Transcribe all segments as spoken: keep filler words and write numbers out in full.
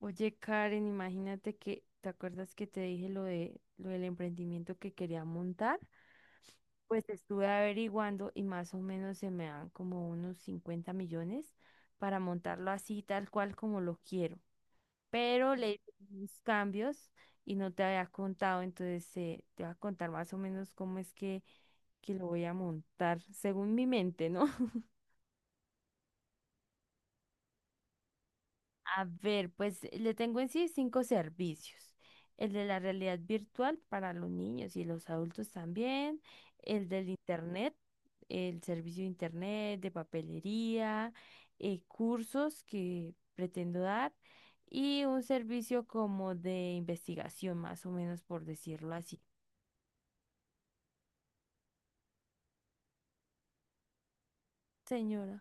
Oye, Karen, imagínate que, ¿te acuerdas que te dije lo de lo del emprendimiento que quería montar? Pues estuve averiguando y más o menos se me dan como unos cincuenta millones para montarlo así, tal cual como lo quiero. Pero le hice unos cambios y no te había contado, entonces eh, te voy a contar más o menos cómo es que, que lo voy a montar según mi mente, ¿no? A ver, pues eh, le tengo en sí cinco servicios. El de la realidad virtual para los niños y los adultos también. El del internet, el servicio de internet, de papelería, eh, cursos que pretendo dar y un servicio como de investigación, más o menos por decirlo así. Señora.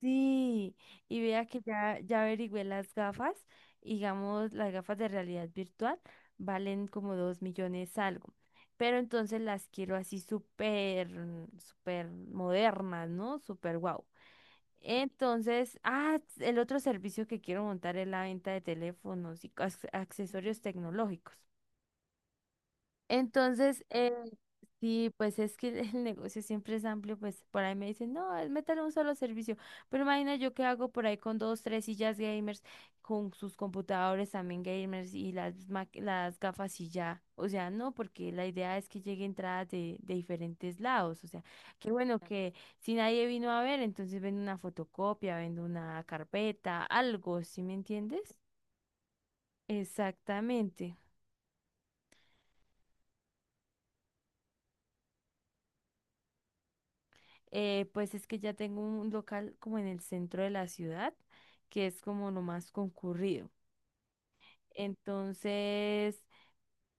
Sí, y vea que ya, ya averigüé las gafas, y digamos, las gafas de realidad virtual valen como dos millones algo, pero entonces las quiero así súper, súper modernas, ¿no? Súper guau. Entonces, ah, el otro servicio que quiero montar es la venta de teléfonos y ac- accesorios tecnológicos. Entonces, eh, sí, pues es que el negocio siempre es amplio, pues por ahí me dicen, no, es meter un solo servicio, pero imagina yo qué hago por ahí con dos, tres sillas gamers, con sus computadores también gamers y las, ma- las gafas y ya, o sea, no, porque la idea es que llegue entradas de, de diferentes lados, o sea, qué bueno que si nadie vino a ver, entonces vendo una fotocopia, vendo una carpeta, algo, ¿sí me entiendes? Exactamente. Eh, pues es que ya tengo un local como en el centro de la ciudad, que es como lo más concurrido. Entonces,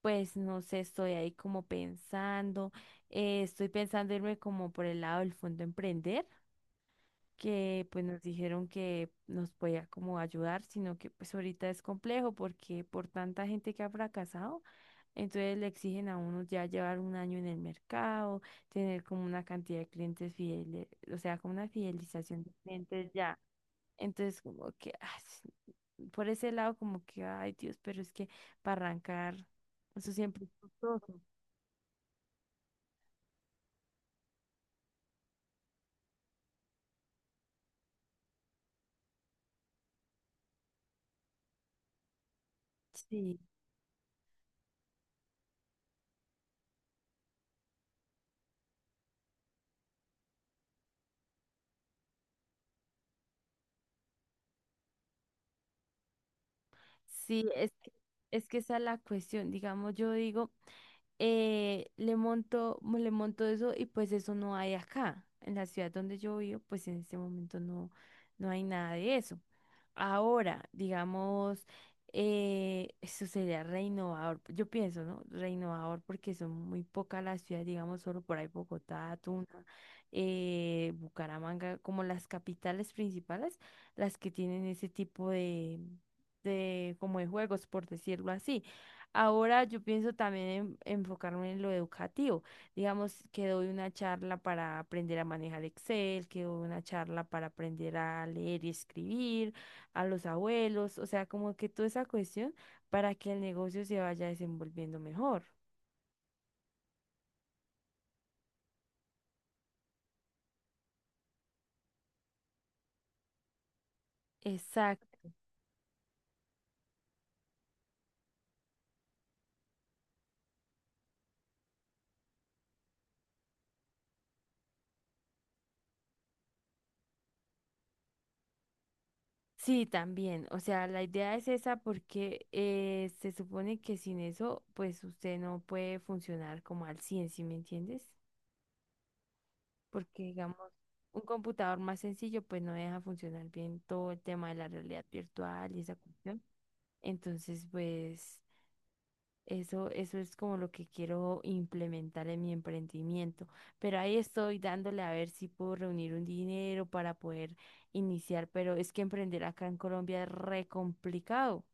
pues no sé, estoy ahí como pensando, eh, estoy pensando irme como por el lado del fondo emprender, que pues nos dijeron que nos podía como ayudar, sino que pues ahorita es complejo porque por tanta gente que ha fracasado, entonces le exigen a uno ya llevar un año en el mercado, tener como una cantidad de clientes fieles, o sea, como una fidelización de clientes ya. Entonces como que ah, sí, por ese lado como que, ay Dios, pero es que para arrancar, eso siempre es costoso. Sí, sí, es que, es que esa es la cuestión. Digamos, yo digo, eh, le monto, mo- le monto eso y pues eso no hay acá. En la ciudad donde yo vivo, pues en este momento no, no hay nada de eso. Ahora, digamos, eh, eso sería reinnovador. Yo pienso, ¿no? Reinnovador porque son muy pocas las ciudades, digamos, solo por ahí Bogotá, Tuna, eh, Bucaramanga, como las capitales principales, las que tienen ese tipo de, de, como de juegos, por decirlo así. Ahora yo pienso también en enfocarme en lo educativo. Digamos que doy una charla para aprender a manejar Excel, que doy una charla para aprender a leer y escribir, a los abuelos, o sea, como que toda esa cuestión para que el negocio se vaya desenvolviendo mejor. Exacto. Sí, también. O sea, la idea es esa porque eh, se supone que sin eso, pues usted no puede funcionar como al cien, ¿sí me entiendes? Porque digamos, un computador más sencillo pues no deja funcionar bien todo el tema de la realidad virtual y esa cuestión. Entonces, pues eso, eso es como lo que quiero implementar en mi emprendimiento. Pero ahí estoy dándole a ver si puedo reunir un dinero para poder iniciar, pero es que emprender acá en Colombia es re complicado.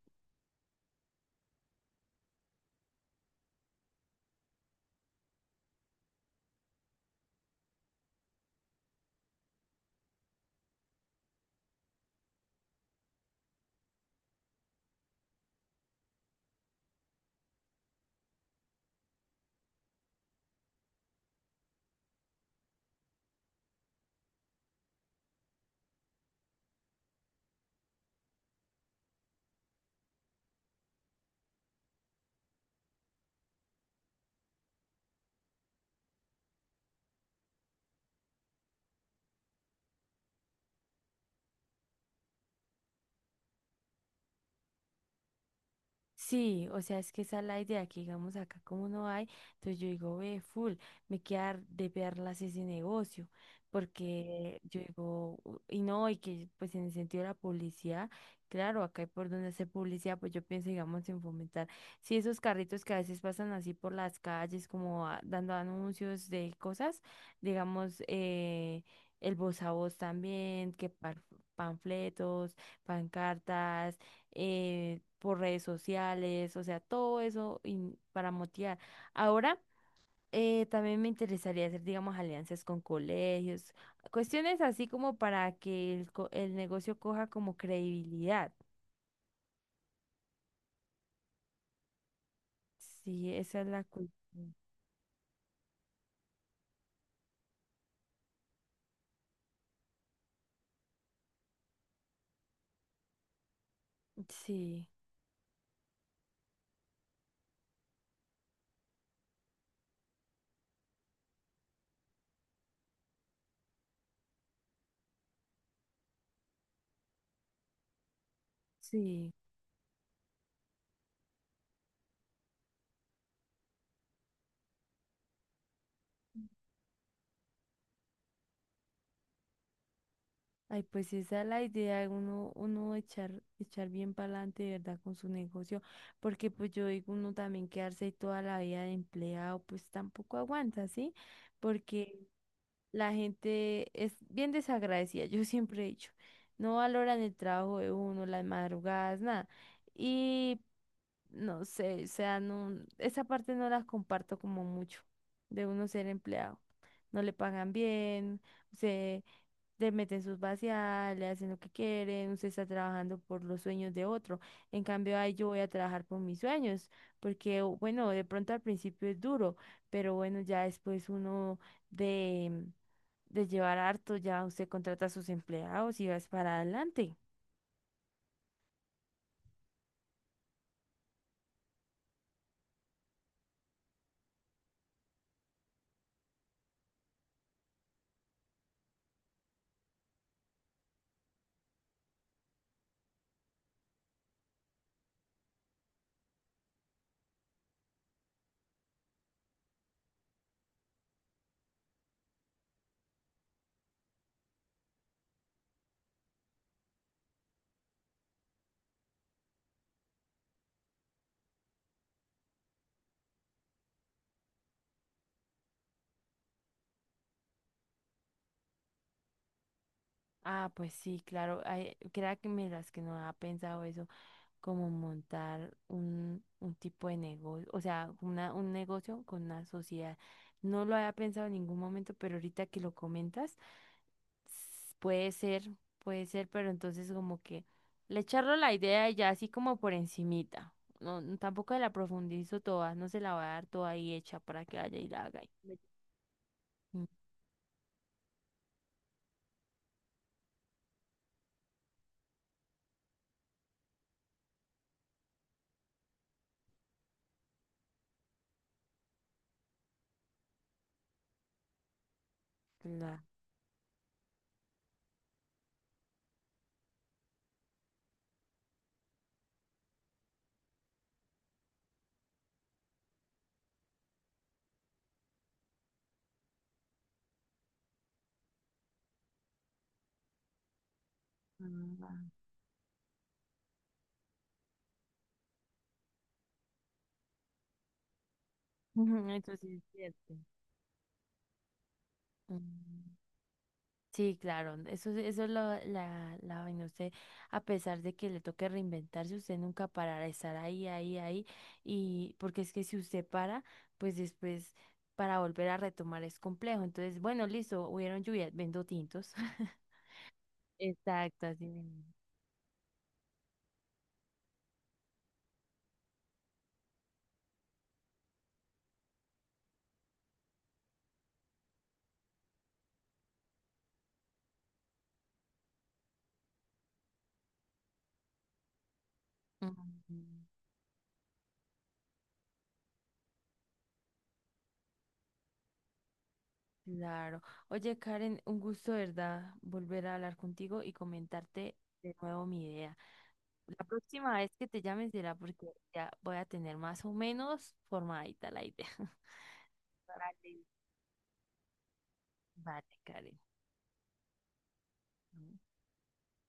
Sí, o sea, es que esa es la idea, que digamos acá como no hay, entonces yo digo, ve, full, me queda de verlas ese negocio, porque yo digo, "U- y no, y que pues en el sentido de la publicidad, claro, acá hay por donde hacer publicidad, pues yo pienso, digamos, en fomentar, sí, esos carritos que a veces pasan así por las calles, como a- dando anuncios de cosas, digamos, eh, el voz a voz también, que par- panfletos, pancartas eh, por redes sociales, o sea, todo eso in- para motivar. Ahora, eh, también me interesaría hacer, digamos, alianzas con colegios, cuestiones así como para que el, co- el negocio coja como credibilidad. Sí, esa es la cuestión. Sí, sí. Ay, pues sí, esa es la idea, uno, uno echar, echar bien para adelante, de ¿verdad? Con su negocio, porque pues yo digo, uno también quedarse ahí toda la vida de empleado, pues tampoco aguanta, ¿sí? Porque la gente es bien desagradecida, yo siempre he dicho, no valoran el trabajo de uno, las madrugadas, nada. Y no sé, o sea, no, esa parte no la comparto como mucho de uno ser empleado. No le pagan bien, le meten sus vaciadas, le hacen lo que quieren, usted está trabajando por los sueños de otro. En cambio, ahí yo voy a trabajar por mis sueños, porque o- bueno, de pronto al principio es duro, pero bueno, ya después uno de, de llevar harto, ya usted contrata a sus empleados y vas para adelante. Ah, pues sí, claro. Ay, crea que me las que no ha pensado eso, como montar un, un tipo de negocio, o sea, una, un negocio con una sociedad. No lo había pensado en ningún momento, pero ahorita que lo comentas, s- puede ser, puede ser, pero entonces como que le echarlo la idea y ya así como por encimita. No, no, tampoco la profundizo toda, no se la voy a dar toda ahí hecha para que vaya y la haga. Y- Mm. Claro. Ah. Eso sí es cierto. Mm. Sí, claro, eso, es- eso es lo, la, la vaina. Usted, a pesar de que le toque reinventarse, usted nunca parará, estar ahí, ahí, ahí. Y porque es que si usted para, pues después para volver a retomar es complejo. Entonces, bueno, listo, hubieron lluvias, vendo tintos. Exacto, así mismo. Ujú. Claro. Oye, Karen, un gusto, ¿verdad? Volver a hablar contigo y comentarte de nuevo mi idea. La próxima vez que te llames será porque ya voy a tener más o menos formadita la idea. Vale. Vale, Karen.